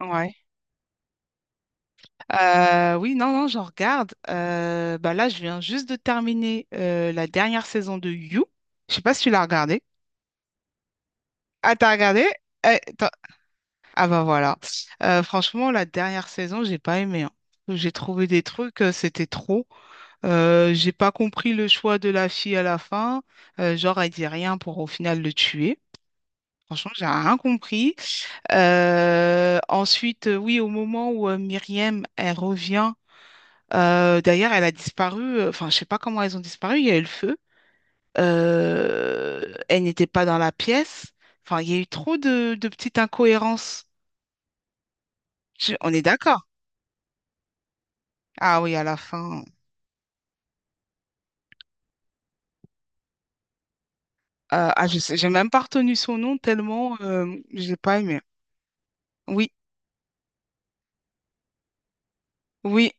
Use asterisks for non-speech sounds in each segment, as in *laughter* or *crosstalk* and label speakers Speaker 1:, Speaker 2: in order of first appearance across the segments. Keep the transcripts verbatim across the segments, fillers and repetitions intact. Speaker 1: Ouais. Euh, oui, non, non, j'en regarde. Euh, bah là, je viens juste de terminer euh, la dernière saison de You. Je sais pas si tu l'as regardé. Ah, t'as regardé? Eh, t'as- Ah bah voilà. Euh, franchement, la dernière saison, j'ai pas aimé, hein. J'ai trouvé des trucs, euh, c'était trop. Euh, j'ai pas compris le choix de la fille à la fin. Euh, genre, elle dit rien pour au final le tuer. Franchement, j'ai rien compris. Euh, ensuite, euh, oui, au moment où euh, Myriam, elle revient. Euh, d'ailleurs, elle a disparu. euh, Enfin, je sais pas comment elles ont disparu. Il y a eu le feu. Euh, elle n'était pas dans la pièce. Enfin, il y a eu trop de, de petites incohérences. Je- on est d'accord. Ah oui, à la fin. Euh, ah, je sais, j'ai même pas retenu son nom tellement euh, j'ai pas aimé. Oui, oui,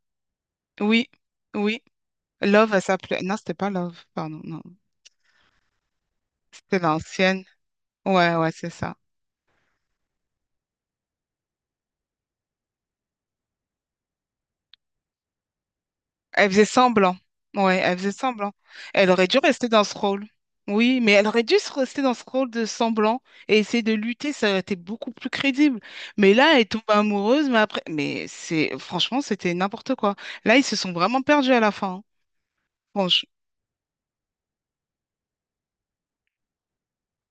Speaker 1: oui, oui. Love, elle s'appelait. Non, c'était pas Love. Pardon, non. C'était l'ancienne. Ouais, ouais, c'est ça. Elle faisait semblant. Ouais, elle faisait semblant. Elle aurait dû rester dans ce rôle. Oui, mais elle aurait dû se rester dans ce rôle de semblant et essayer de lutter, ça aurait été beaucoup plus crédible. Mais là, elle tombe amoureuse, mais après, mais c'est franchement, c'était n'importe quoi. Là, ils se sont vraiment perdus à la fin, hein.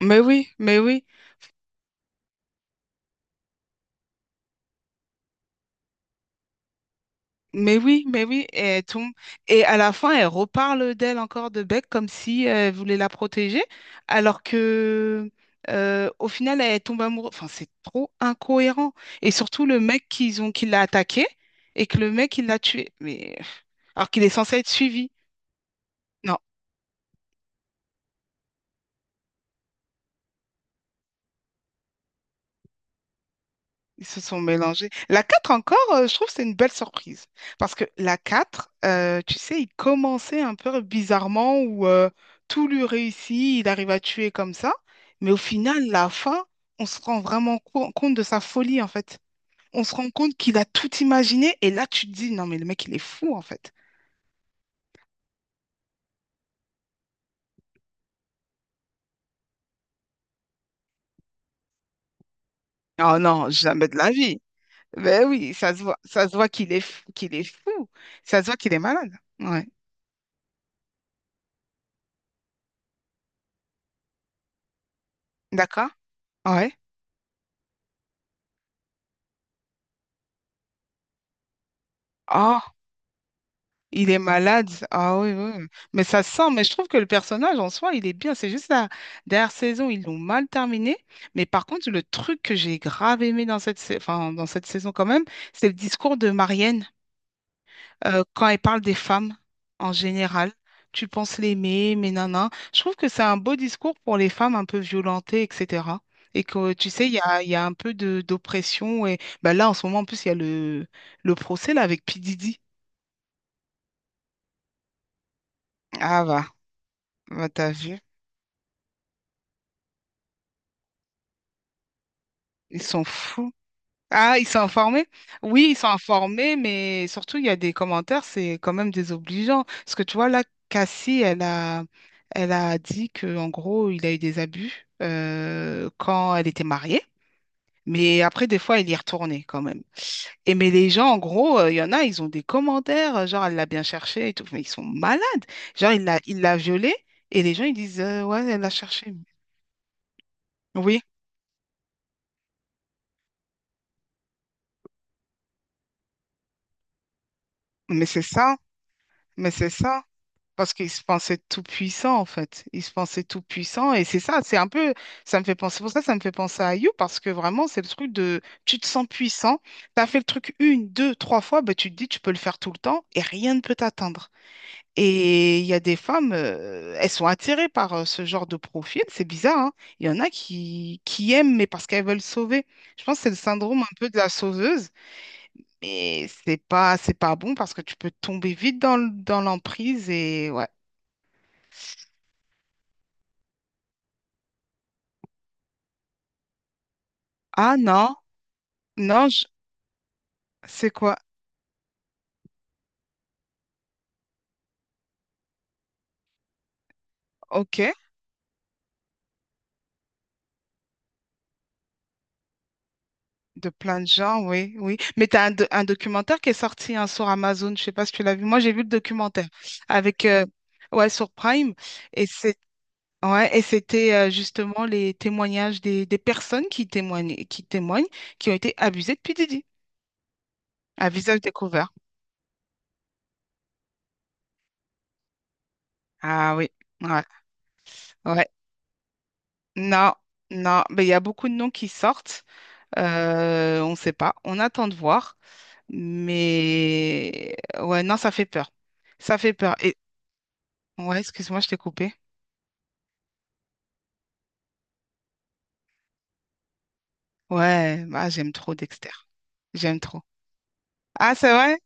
Speaker 1: Mais oui, mais oui. Mais oui, mais oui, et elle tombe. Et à la fin, elle reparle d'elle encore de Beck comme si elle voulait la protéger, alors que euh, au final, elle tombe amoureuse. Enfin, c'est trop incohérent. Et surtout, le mec qu'ils ont, qui l'a attaqué et que le mec, il l'a tué. Mais alors qu'il est censé être suivi. Ils se sont mélangés. La quatre encore, euh, je trouve que c'est une belle surprise. Parce que la quatre, euh, tu sais, il commençait un peu bizarrement où euh, tout lui réussit, il arrive à tuer comme ça. Mais au final, la fin, on se rend vraiment co- compte de sa folie, en fait. On se rend compte qu'il a tout imaginé et là, tu te dis, non, mais le mec, il est fou, en fait. Oh non, jamais de la vie. Ben oui, ça se voit, ça se voit qu'il est, fou- qu'il est fou. Ça se voit qu'il est malade. Ouais. D'accord? Ouais. Oh. Il est malade. Ah oui, oui. Mais ça sent. Mais je trouve que le personnage en soi, il est bien. C'est juste la dernière saison, ils l'ont mal terminé. Mais par contre, le truc que j'ai grave aimé dans cette, sa- enfin, dans cette saison quand même, c'est le discours de Marianne euh, quand elle parle des femmes en général. Tu penses l'aimer, mais non. Je trouve que c'est un beau discours pour les femmes un peu violentées, et cetera. Et que tu sais, il y a, il y a un peu de d'oppression. Et bah là, en ce moment, en plus, il y a le, le procès là, avec P. Diddy. Ah bah, bah t'as vu. Ils sont fous. Ah, ils sont informés? Oui, ils sont informés, mais surtout, il y a des commentaires, c'est quand même désobligeant. Parce que tu vois, là, Cassie, elle a, elle a dit que en gros, il a eu des abus euh, quand elle était mariée. Mais après, des fois, il y est retourné quand même. Et mais les gens, en gros, euh, il y en a, ils ont des commentaires, euh, genre, elle l'a bien cherché et tout, mais ils sont malades. Genre, il l'a, il l'a violée et les gens, ils disent, euh, ouais, elle l'a cherché. Oui, mais c'est ça, mais c'est ça. Parce qu'il se pensait tout puissant, en fait. Il se pensait tout puissant. Et c'est ça, c'est un peu, ça me fait penser, pour ça, ça me fait penser à You, parce que vraiment, c'est le truc de, tu te sens puissant, t'as fait le truc une, deux, trois fois, bah, tu te dis, tu peux le faire tout le temps et rien ne peut t'atteindre. Et il y a des femmes, euh, elles sont attirées par euh, ce genre de profil, c'est bizarre, hein. Il y en a qui, qui aiment, mais parce qu'elles veulent sauver. Je pense que c'est le syndrome un peu de la sauveuse, mais c'est pas, c'est pas bon parce que tu peux tomber vite dans, le- dans l'emprise et ouais. Ah non, non, je- c'est quoi? Ok, de plein de gens, oui, oui. Mais t'as un, do- un documentaire qui est sorti hein, sur Amazon, je sais pas si tu l'as vu. Moi, j'ai vu le documentaire avec, euh, ouais, sur Prime. Et c'est, ouais, et c'était euh, justement les témoignages des, des personnes qui témoignent, qui témoignent, qui ont été abusées depuis Didi, à visage découvert. Ah oui, ouais, ouais. Non, non, mais il y a beaucoup de noms qui sortent. Euh, on ne sait pas. On attend de voir. Mais ouais, non, ça fait peur. Ça fait peur. Et ouais, excuse-moi, je t'ai coupé. Ouais, bah j'aime trop Dexter. J'aime trop. Ah, c'est vrai?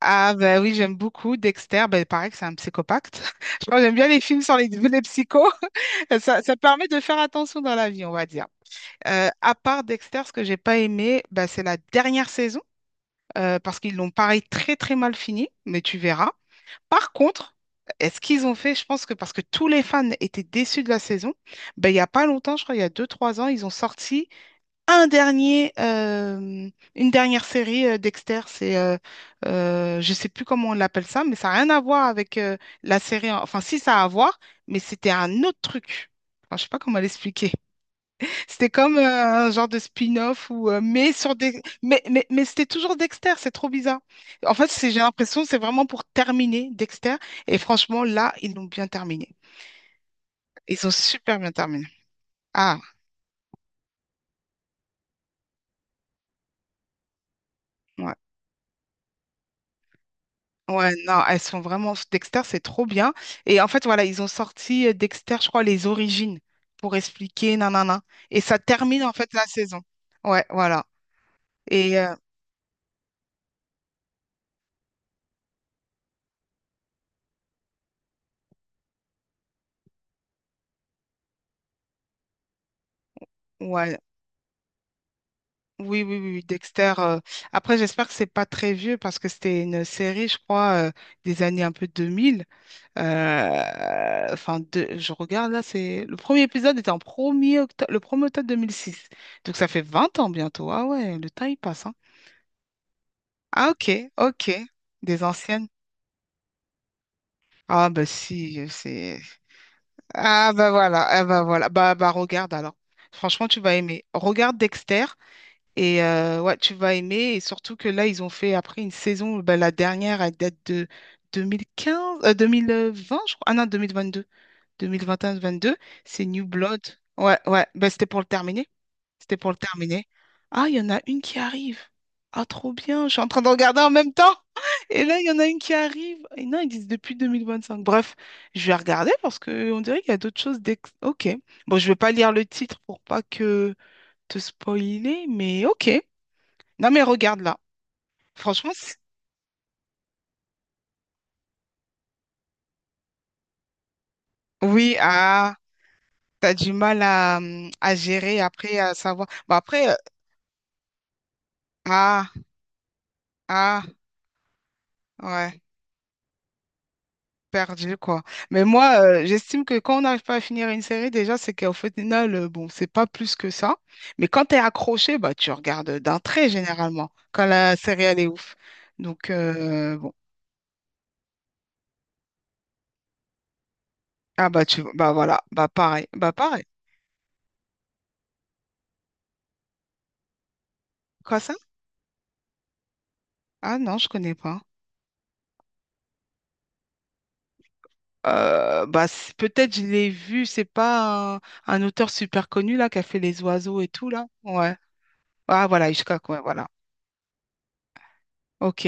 Speaker 1: Ah, ben oui, j'aime beaucoup Dexter. Ben, pareil que c'est un psychopathe. *laughs* Je crois que j'aime bien les films sur les, les psychos. *laughs* Ça, ça permet de faire attention dans la vie, on va dire. Euh, à part Dexter, ce que j'ai pas aimé, ben, c'est la dernière saison, euh, parce qu'ils l'ont pareil très très mal fini, mais tu verras. Par contre, est-ce qu'ils ont fait, je pense que parce que tous les fans étaient déçus de la saison, ben, il n'y a pas longtemps, je crois, il y a deux trois ans, ils ont sorti un dernier, euh, une dernière série euh, Dexter. C'est, euh, euh, je sais plus comment on l'appelle ça, mais ça n'a rien à voir avec euh, la série. en- Enfin, si, ça a à voir, mais c'était un autre truc. Enfin, je sais pas comment l'expliquer. C'était comme euh, un genre de spin-off ou euh, mais sur des mais mais, mais c'était toujours Dexter, c'est trop bizarre. En fait, c'est j'ai l'impression que c'est vraiment pour terminer Dexter et franchement là, ils l'ont bien terminé. Ils ont super bien terminé. Ah, ouais. Ouais, non, elles sont vraiment Dexter, c'est trop bien et en fait voilà, ils ont sorti euh, Dexter, je crois les origines pour expliquer nanana et ça termine en fait la saison. Ouais, voilà. Et euh, ouais, oui, oui, oui, oui, Dexter. euh, Après, j'espère que c'est pas très vieux parce que c'était une série, je crois, euh, des années un peu deux mille. Euh, Enfin, de- je regarde là, c'est le premier épisode était en premier er octo- le premier octobre deux mille six. Donc ça fait vingt ans bientôt. Ah ouais, le temps il passe, hein. Ah ok, ok. Des anciennes. Ah bah si, euh, c'est. Ah bah voilà, ah bah voilà. Bah bah regarde alors. Franchement, tu vas aimer. Regarde Dexter. Et euh, ouais, tu vas aimer. Et surtout que là, ils ont fait après une saison, bah, la dernière, elle date de deux mille quinze, euh, deux mille vingt, je crois. Ah non, deux mille vingt-deux, vingt deux, c'est New Blood. Ouais, ouais. Bah, c'était pour le terminer. C'était pour le terminer. Ah, il y en a une qui arrive. Ah, trop bien. Je suis en train de regarder en même temps. *laughs* Et là, il y en a une qui arrive. Et non, ils disent depuis deux mille vingt cinq. Bref, je vais regarder parce qu'on dirait qu'il y a d'autres choses. d'ex- Ok. Bon, je vais pas lire le titre pour pas que te spoiler, mais ok. Non, mais regarde là. Franchement, c- oui, ah, t'as du mal à, hum, à gérer après, à savoir. Bah après, euh, ah, ah, ouais, perdu quoi. Mais moi, euh, j'estime que quand on n'arrive pas à finir une série, déjà, c'est qu'au final, euh, bon, c'est pas plus que ça. Mais quand t'es accroché, bah tu regardes d'un trait généralement, quand la série, elle est ouf. Donc, euh, bon. Ah, bah, tu, bah voilà, bah pareil, bah pareil. Quoi ça? Ah non, je connais pas. Euh, bah, c'est- peut-être je l'ai vu, c'est pas un, un auteur super connu là qui a fait les oiseaux et tout là. Ouais. Ah voilà, Hitchcock, ouais, voilà. Ok.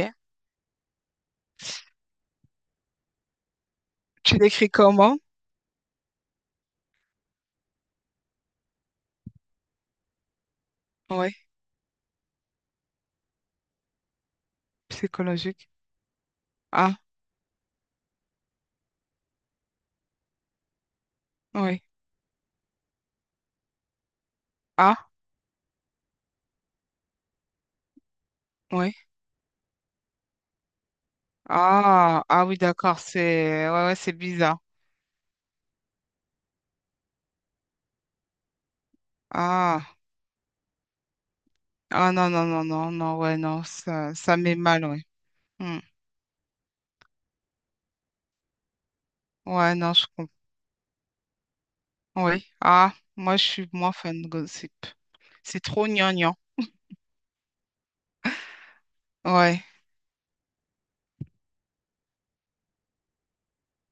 Speaker 1: Tu l'écris comment? Ouais, psychologique. Ah, oui. Ah, oui. Ah, ah oui, d'accord, c'est ouais, ouais, c'est bizarre. Ah, ah non, non, non, non, non, ouais, non, ça, ça met mal, ouais. Hmm. Ouais, non, je comprends. Oui. Ah, moi, je suis moins fan de gossip. C'est trop gnangnan. Ouais.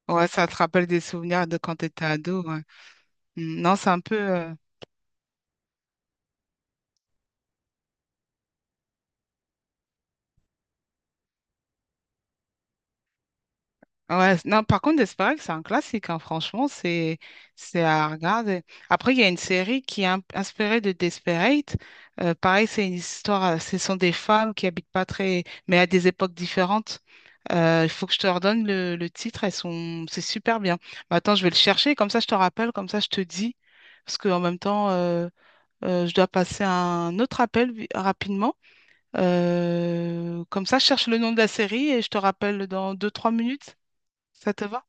Speaker 1: Ouais, ça te rappelle des souvenirs de quand t'étais ado, ouais. Mm, non, c'est un peu. euh, Ouais, non, par contre, Desperate, c'est un classique, hein. Franchement, c'est c'est à regarder. Après, il y a une série qui est un- inspirée de Desperate. Euh, pareil, c'est une histoire. euh, Ce sont des femmes qui habitent pas très. Mais à des époques différentes. Euh, Il faut que je te redonne le, le titre. Elles sont. C'est super bien. Mais attends, je vais le chercher. Comme ça, je te rappelle. Comme ça, je te dis. Parce que en même temps, euh, euh, je dois passer un autre appel vi- rapidement. Euh, comme ça, je cherche le nom de la série et je te rappelle dans deux-trois minutes. Ça te va?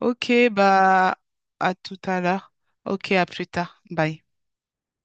Speaker 1: Ok, bah à tout à l'heure. Ok, à plus tard. Bye.